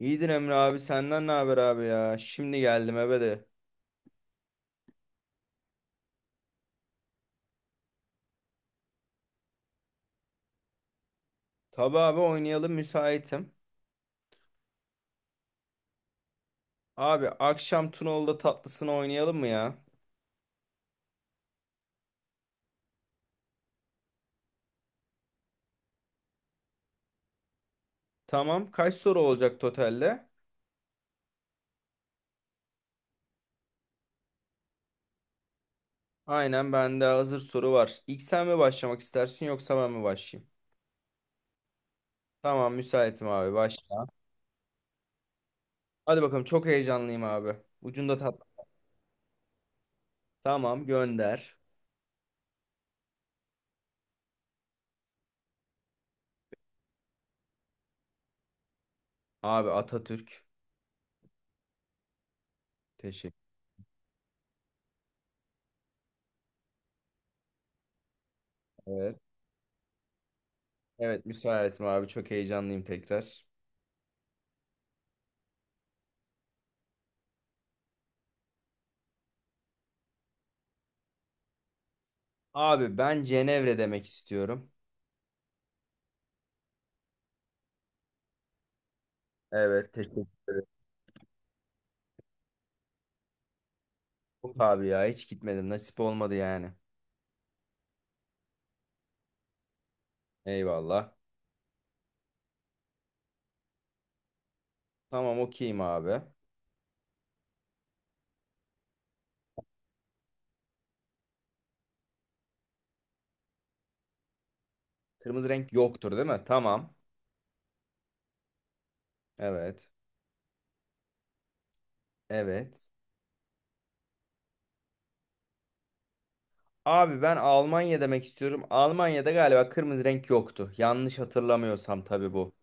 İyidir Emre abi, senden ne haber abi ya? Şimdi geldim eve de. Tabi abi, oynayalım, müsaitim. Abi akşam Tunalı'da tatlısını oynayalım mı ya? Tamam, kaç soru olacak totalde? Aynen, bende hazır soru var. İlk sen mi başlamak istersin yoksa ben mi başlayayım? Tamam, müsaitim abi, başla. Hadi bakalım, çok heyecanlıyım abi. Ucunda tatlı. Tamam, gönder. Abi Atatürk. Teşekkür. Evet. Evet, müsaitim abi, çok heyecanlıyım tekrar. Abi ben Cenevre demek istiyorum. Evet, teşekkür ederim. Yok abi ya, hiç gitmedim. Nasip olmadı yani. Eyvallah. Tamam, okeyim abi. Kırmızı renk yoktur değil mi? Tamam. Evet. Evet. Abi ben Almanya demek istiyorum. Almanya'da galiba kırmızı renk yoktu. Yanlış hatırlamıyorsam tabii bu.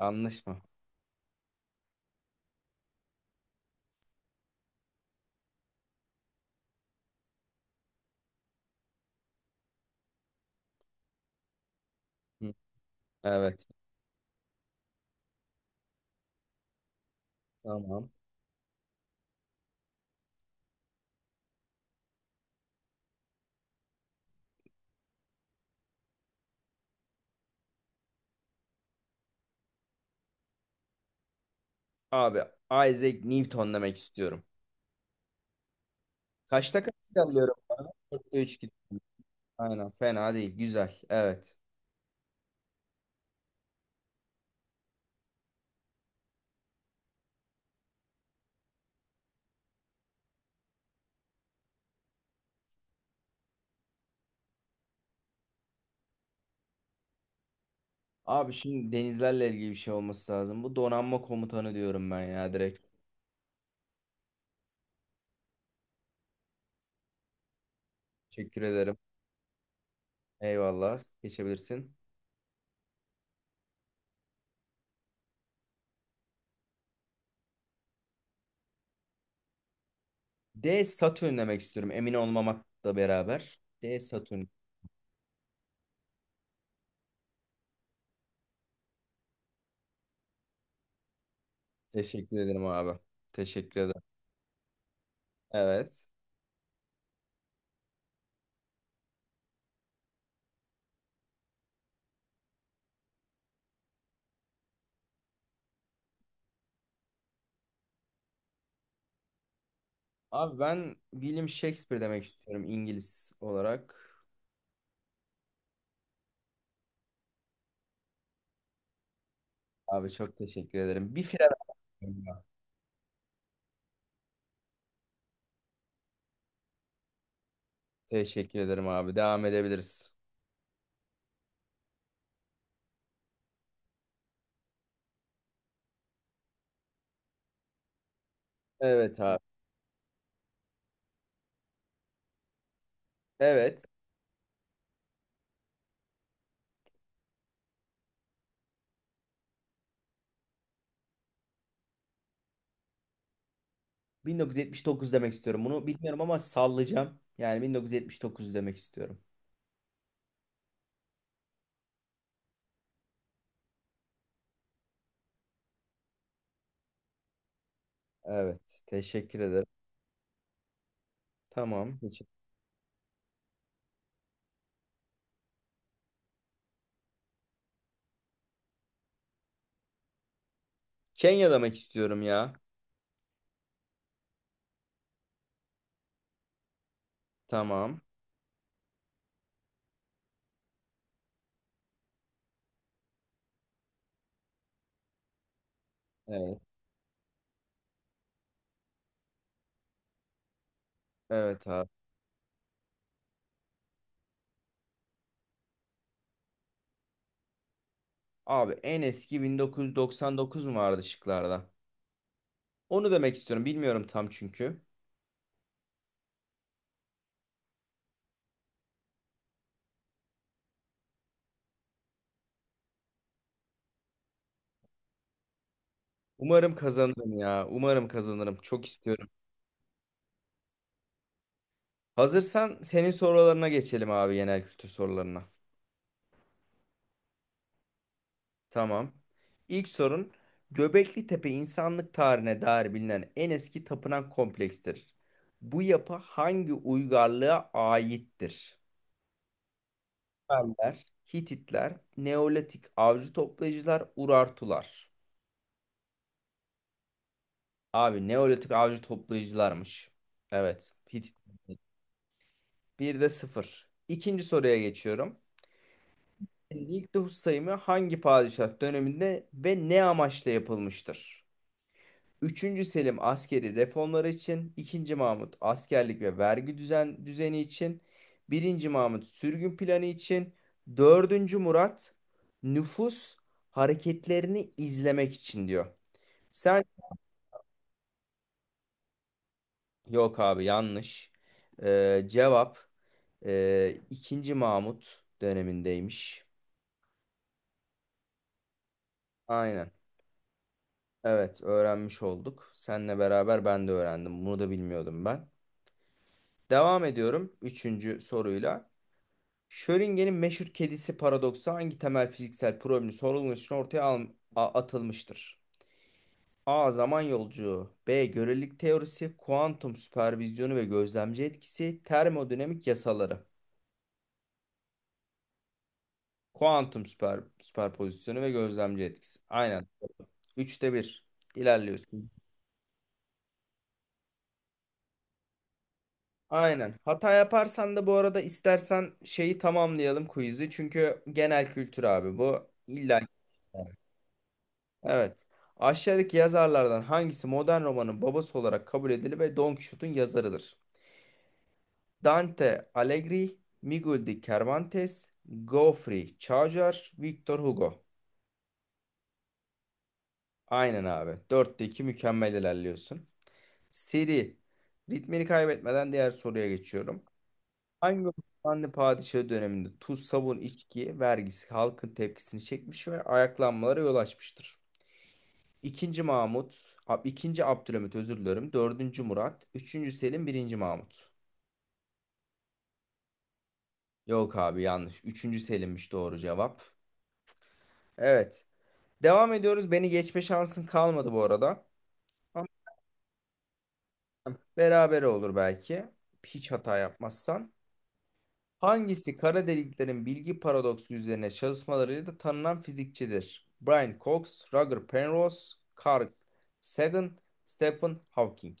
Yanlış mı? Hı. Evet. Tamam. Abi Isaac Newton demek istiyorum. Kaçta kaç ilerliyorum? Bana? Dörtte 3 gidiyorum. Aynen, fena değil. Güzel. Evet. Abi şimdi denizlerle ilgili bir şey olması lazım. Bu donanma komutanı diyorum ben ya, direkt. Teşekkür ederim. Eyvallah. Geçebilirsin. D Satürn demek istiyorum. Emin olmamakla beraber. D Satürn. Teşekkür ederim abi. Teşekkür ederim. Evet. Abi ben William Shakespeare demek istiyorum, İngiliz olarak. Abi çok teşekkür ederim. Bir fire verdim ya. Teşekkür ederim abi. Devam edebiliriz. Evet abi. Evet. 1979 demek istiyorum. Bunu bilmiyorum ama sallayacağım. Yani 1979 demek istiyorum. Evet, teşekkür ederim. Tamam. Teşekkür- Kenya demek istiyorum ya. Tamam. Evet. Evet abi. Abi en eski 1999 mu vardı şıklarda? Onu demek istiyorum. Bilmiyorum tam çünkü. Umarım kazanırım ya. Umarım kazanırım. Çok istiyorum. Hazırsan senin sorularına geçelim abi, genel kültür sorularına. Tamam. İlk sorun: Göbekli Tepe insanlık tarihine dair bilinen en eski tapınak komplekstir. Bu yapı hangi uygarlığa aittir? Sümerler, Hititler, Neolitik avcı toplayıcılar, Urartular. Abi Neolitik avcı toplayıcılarmış. Evet. Hitit. Bir de sıfır. İkinci soruya geçiyorum. İlk nüfus sayımı hangi padişah döneminde ve ne amaçla yapılmıştır? Üçüncü Selim askeri reformları için, ikinci Mahmut askerlik ve vergi düzeni için, birinci Mahmut sürgün planı için, dördüncü Murat nüfus hareketlerini izlemek için diyor. Sen, yok abi, yanlış. Cevap ikinci Mahmut dönemindeymiş. Aynen. Evet, öğrenmiş olduk. Seninle beraber ben de öğrendim. Bunu da bilmiyordum ben. Devam ediyorum üçüncü soruyla. Schrödinger'in meşhur kedisi paradoksu hangi temel fiziksel problemin sorulması için ortaya atılmıştır? A. Zaman yolculuğu, B. Görelilik teorisi, Kuantum süpervizyonu ve gözlemci etkisi, Termodinamik yasaları. Kuantum süperpozisyonu ve gözlemci etkisi. Aynen. Üçte bir. İlerliyorsun. Aynen. Hata yaparsan da bu arada istersen şeyi tamamlayalım quiz'i. Çünkü genel kültür abi bu. İlla. Evet. Aşağıdaki yazarlardan hangisi modern romanın babası olarak kabul edilir ve Don Quixote'un yazarıdır? Dante Alighieri, Miguel de Cervantes, Geoffrey Chaucer, Victor Hugo. Aynen abi. Dörtte iki, mükemmel ilerliyorsun. Seri. Ritmini kaybetmeden diğer soruya geçiyorum. Hangi Osmanlı padişahı döneminde tuz, sabun, içki vergisi halkın tepkisini çekmiş ve ayaklanmalara yol açmıştır? İkinci Mahmut, ikinci Abdülhamit, özür dilerim. Dördüncü Murat, üçüncü Selim, birinci Mahmut. Yok abi, yanlış. Üçüncü Selim'miş doğru cevap. Evet. Devam ediyoruz. Beni geçme şansın kalmadı bu arada. Ama beraber olur belki. Hiç hata yapmazsan. Hangisi kara deliklerin bilgi paradoksu üzerine çalışmalarıyla da tanınan fizikçidir? Brian Cox, Roger Penrose, Carl Sagan, Stephen Hawking.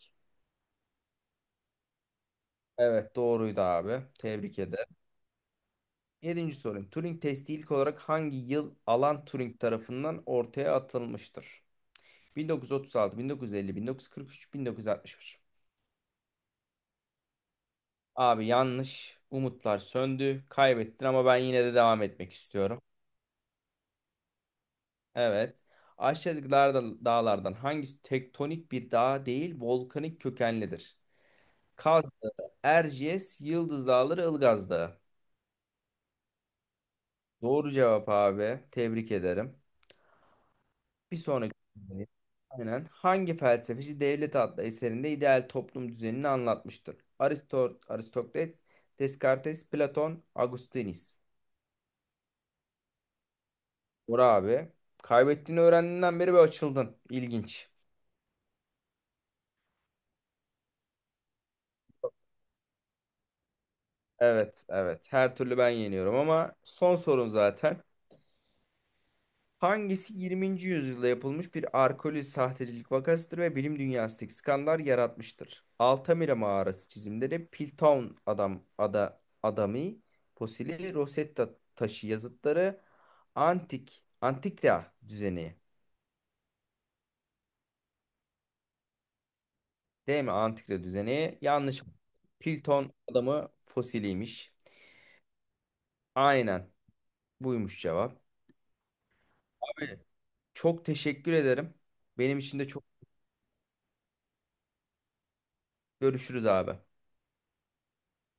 Evet, doğruydu abi. Tebrik ederim. Yedinci sorum: Turing testi ilk olarak hangi yıl Alan Turing tarafından ortaya atılmıştır? 1936, 1950, 1943, 1961. Abi yanlış. Umutlar söndü. Kaybettin ama ben yine de devam etmek istiyorum. Evet. Aşağıdaki dağlardan hangisi tektonik bir dağ değil, volkanik kökenlidir? Kaz Dağı, Erciyes, Yıldız Dağları, Ilgaz Dağı. Doğru cevap abi. Tebrik ederim. Bir sonraki soru. Aynen, hangi felsefeci Devlet adlı eserinde ideal toplum düzenini anlatmıştır? Aristot Aristokles, Descartes, Platon, Augustinus. Bora abi. Kaybettiğini öğrendiğinden beri bir açıldın. İlginç. Evet, evet. Her türlü ben yeniyorum ama son sorun zaten. Hangisi 20. yüzyılda yapılmış bir arkeolojik sahtecilik vakasıdır ve bilim dünyasındaki skandal yaratmıştır? Altamira mağarası çizimleri, Piltdown adam adamı fosili, Rosetta taşı yazıtları, antikra düzeni. Değil mi? Antikra düzeni. Yanlış. Pilton adamı fosiliymiş. Aynen. Buymuş cevap. Abi çok teşekkür ederim. Benim için de çok görüşürüz abi.